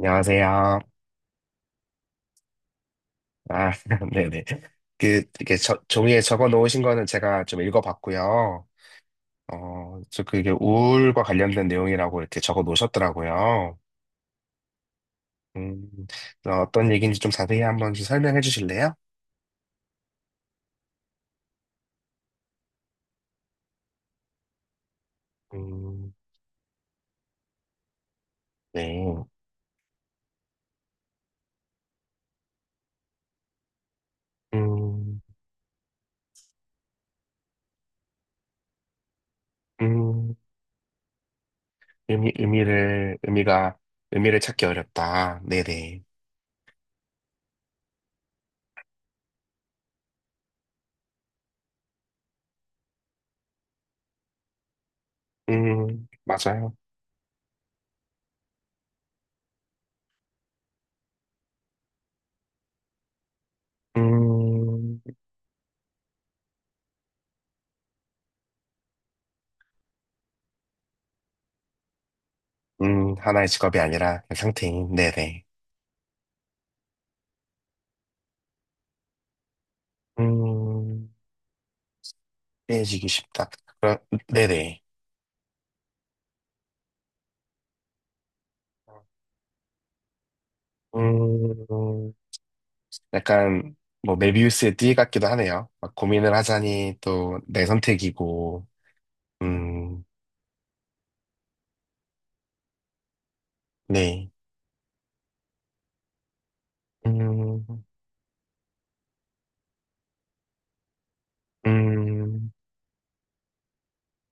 안녕하세요. 아, 네네. 그, 이렇게 종이에 적어 놓으신 거는 제가 좀 읽어봤고요. 저 그게 우울과 관련된 내용이라고 이렇게 적어 놓으셨더라고요. 음, 떤 얘기인지 좀 자세히 한번 좀 설명해 주실래요? 음, 네. 음, 음, 의미, 의미를, 의미가, 의미를 찾기 어렵다. 네네. 맞아요. 음, 하나의 직업이 아니라 그 상태인, 네네. 음, 해지기 쉽다. 그럼- 네네. 어, 음, 약간 뭐 메비우스의 띠 같기도 하네요. 막 고민을 하자니 또 내 선택이고, 음, 네, 음, 음,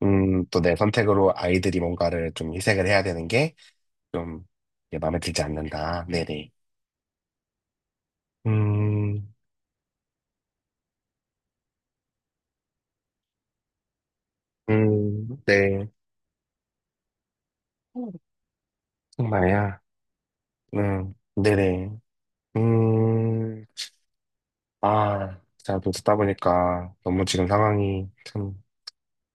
또 내 선택으로 아이들이 뭔가를 좀 희생을 해야 되는 게좀 마음에 들지 않는다. 네네. 음, 네. 정말야. 네네. 음. 아, 제가 또 듣다 보니까 너무 지금 상황이 참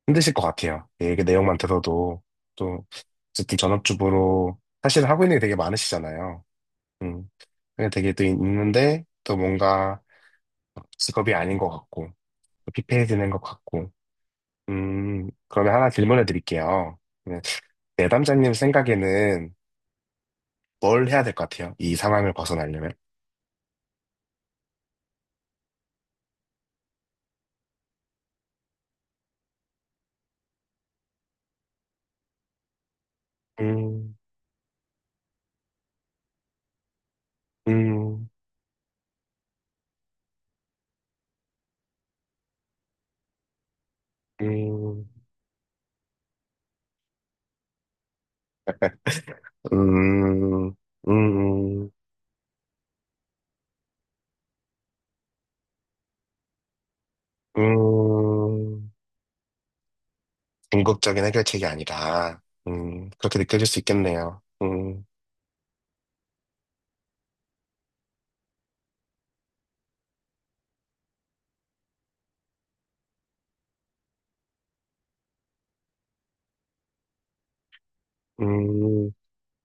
힘드실 것 같아요. 예, 그 내용만 들어도 또 어쨌든 전업주부로 사실 하고 있는 게 되게 많으시잖아요. 음, 그게 되게 또 있는데 또 뭔가 직업이 아닌 것 같고 또 피폐해지는 것 같고. 그러면 하나 질문을 드릴게요. 네, 내담자님 생각에는 뭘 해야 될 것 같아요? 이 상황을 벗어나려면? 음, 음, 음, 음, 음, 음. 음, 궁극적인 해결책이 아니라, 그렇게 느껴질 수 있겠네요. 음,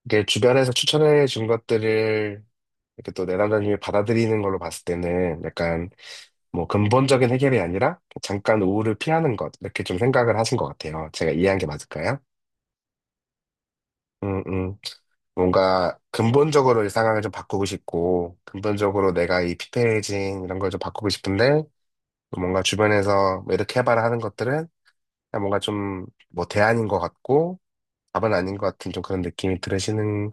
이게 주변에서 추천해 준 것들을 이렇게 또 내담자님이 받아들이는 걸로 봤을 때는 약간 뭐 근본적인 해결이 아니라 잠깐 우울을 피하는 것, 이렇게 좀 생각을 하신 것 같아요. 제가 이해한 게 맞을까요? 음, 음. 뭔가 근본적으로 이 상황을 좀 바꾸고 싶고, 근본적으로 내가 이 피폐해진 이런 걸 좀 바꾸고 싶은데, 뭔가 주변에서 뭐 이렇게 해봐라 하는 것들은 그냥 뭔가 좀 뭐 대안인 것 같고 답은 아닌 것 같은 좀 그런 느낌이 들으시는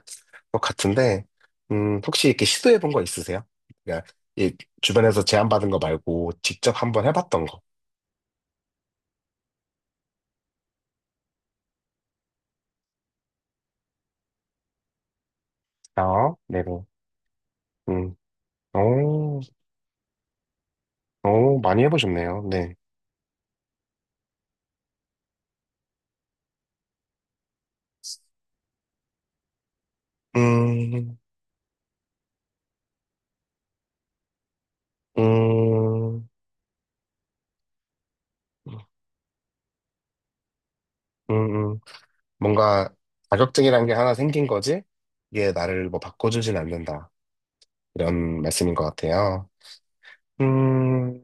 것 같은데 혹시 이렇게 시도해 본 거 있으세요? 그러니까 이 주변에서 제안받은 거 말고 직접 한번 해봤던 거. 아, 네, 뭐. 음, 오, 오, 많이 해보셨네요. 네. 음, 음, 음, 음. 뭔가 자격증이라는 게 하나 생긴 거지? 이게 나를 뭐 바꿔주진 않는다. 이런 말씀인 것 같아요. 음,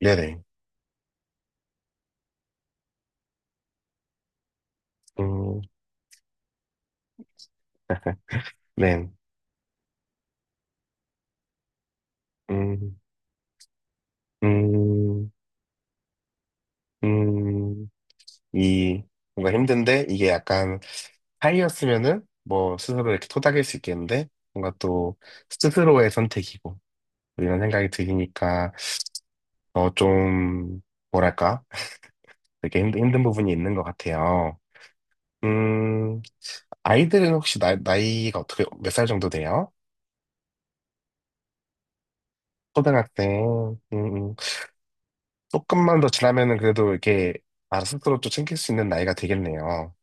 네네. 음, 네. 음, 음, 음, 이, 뭔가 힘든데, 이게 약간 하이였으면은, 뭐, 스스로 이렇게 토닥일 수 있겠는데, 뭔가 또, 스스로의 선택이고, 이런 생각이 드니까, 어, 좀, 뭐랄까, 되게 힘든 부분이 있는 것 같아요. 음, 아이들은 혹시 나이가 어떻게, 몇 살 정도 돼요? 초등학생, 조금만 더 지나면은 그래도 이렇게, 알아 스스로 또 챙길 수 있는 나이가 되겠네요.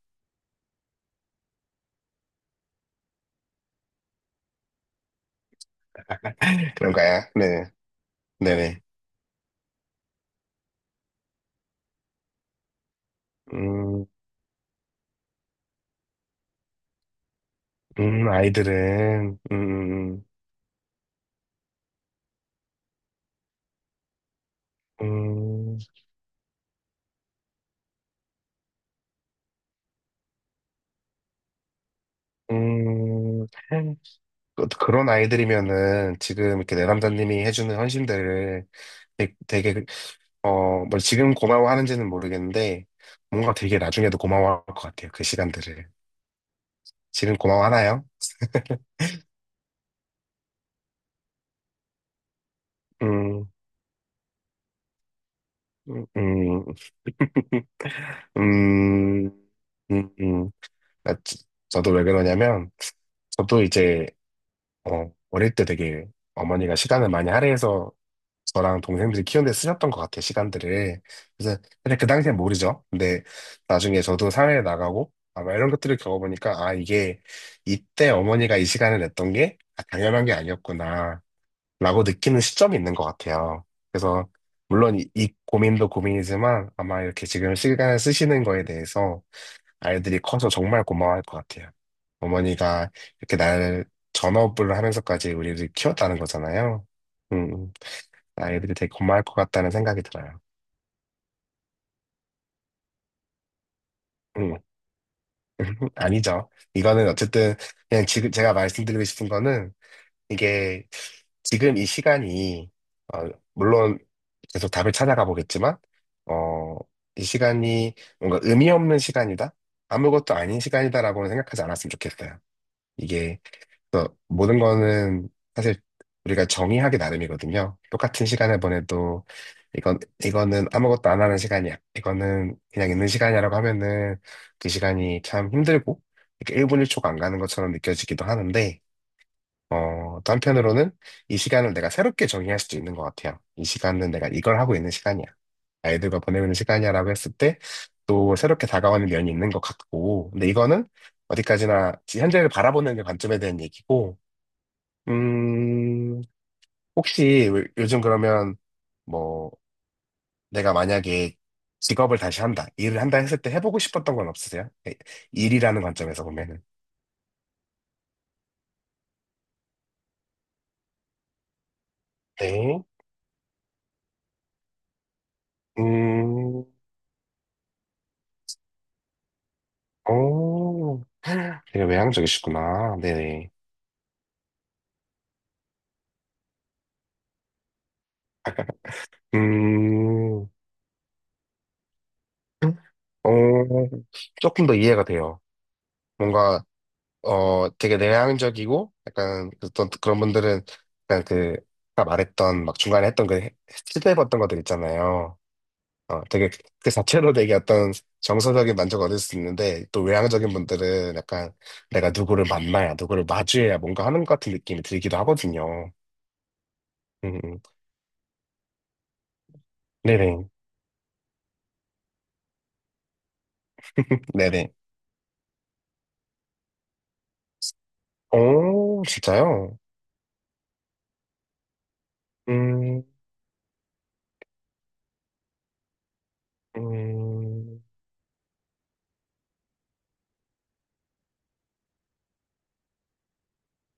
그런가요? 네. 네네. 음, 아이들은, 음, 음, 음. 그런 아이들이면은 지금 이렇게 내 남자님이 해주는 헌신들을 되게, 어, 뭐 지금 고마워하는지는 모르겠는데, 뭔가 되게 나중에도 고마워할 것 같아요. 그 시간들을. 지금 고마워하나요? 음, 음, 음, 음, 음. 아, 저도 왜 그러냐면, 저도 이제 어, 어릴 때 되게 어머니가 시간을 많이 할애해서 저랑 동생들이 키우는데 쓰셨던 것 같아요, 시간들을. 그래서, 근데 그 당시엔 모르죠. 근데 나중에 저도 사회에 나가고 아마 이런 것들을 겪어보니까, 아, 이게 이때 어머니가 이 시간을 냈던 게 아, 당연한 게 아니었구나, 라고 느끼는 시점이 있는 것 같아요. 그래서, 물론 이 고민도 고민이지만 아마 이렇게 지금 시간을 쓰시는 거에 대해서 아이들이 커서 정말 고마워할 것 같아요. 어머니가 이렇게 날 전업을 하면서까지 우리를 키웠다는 거잖아요. 음, 음. 아이들이 되게 고마워할 것 같다는 생각이 들어요. 음, 아니죠. 이거는 어쨌든 그냥 지금 제가 말씀드리고 싶은 거는 이게 지금 이 시간이 어, 물론 계속 답을 찾아가 보겠지만 어, 이 시간이 뭔가 의미 없는 시간이다? 아무것도 아닌 시간이다라고는 생각하지 않았으면 좋겠어요. 이게 그래서 모든 거는 사실 우리가 정의하기 나름이거든요. 똑같은 시간을 보내도 이건 이거는 아무것도 안 하는 시간이야. 이거는 그냥 있는 시간이라고 하면은 그 시간이 참 힘들고 이렇게 1분 1초가 안 가는 것처럼 느껴지기도 하는데 어, 또 한편으로는 이 시간을 내가 새롭게 정의할 수도 있는 것 같아요. 이 시간은 내가 이걸 하고 있는 시간이야. 아이들과 보내는 시간이야라고 했을 때 또 새롭게 다가오는 면이 있는 것 같고 근데 이거는 어디까지나 현재를 바라보는 관점에 대한 얘기고 음, 혹시 요즘 그러면 뭐 내가 만약에 직업을 다시 한다, 일을 한다 했을 때 해보고 싶었던 건 없으세요? 네, 일이라는 관점에서 보면은. 네. 음, 오 되게 외향적이시구나. 네네. 음, 어, 조금 더 이해가 돼요. 뭔가, 어, 되게 내향적이고, 약간, 어떤 그런 분들은, 약간 그, 아까 말했던, 막 중간에 했던 그, 시도해봤던 것들 있잖아요. 어, 되게 그 자체로 되게 어떤 정서적인 만족을 얻을 수 있는데 또 외향적인 분들은 약간 내가 누구를 만나야 누구를 마주해야 뭔가 하는 것 같은 느낌이 들기도 하거든요. 음, 음. 네네, 네네. 오, 진짜요? 음, 음,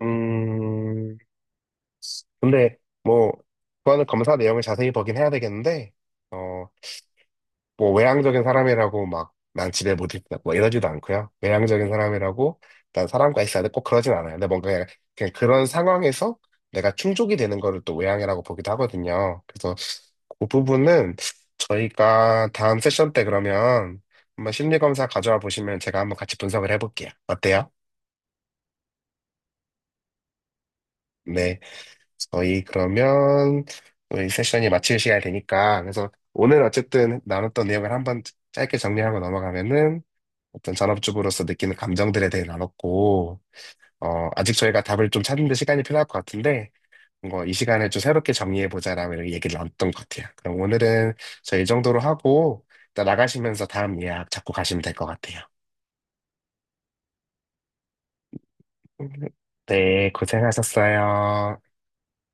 음. 근데 뭐 그거는 검사 내용을 자세히 보긴 해야 되겠는데 어, 뭐 외향적인 사람이라고 막 난 집에 못 있다 뭐 이러지도 않고요. 외향적인 사람이라고 난 사람과 있어야 돼 꼭 그러진 않아요. 근데 뭔가 그냥, 그냥 그런 상황에서 내가 충족이 되는 거를 또 외향이라고 보기도 하거든요. 그래서 그 부분은 저희가 다음 세션 때 그러면 한번 심리 검사 가져와 보시면 제가 한번 같이 분석을 해볼게요. 어때요? 네, 저희 그러면 우리 세션이 마칠 시간이 되니까 그래서 오늘 어쨌든 나눴던 내용을 한번 짧게 정리하고 넘어가면은 어떤 전업주부로서 느끼는 감정들에 대해 나눴고, 어, 아직 저희가 답을 좀 찾는 데 시간이 필요할 것 같은데, 뭔가 이 시간을 좀 새롭게 정리해보자라고 이렇게 얘기를 나눴던 것 같아요. 그럼 오늘은 저 이 정도로 하고, 일단 나가시면서 다음 예약 잡고 가시면 될 것 같아요. 네, 고생하셨어요.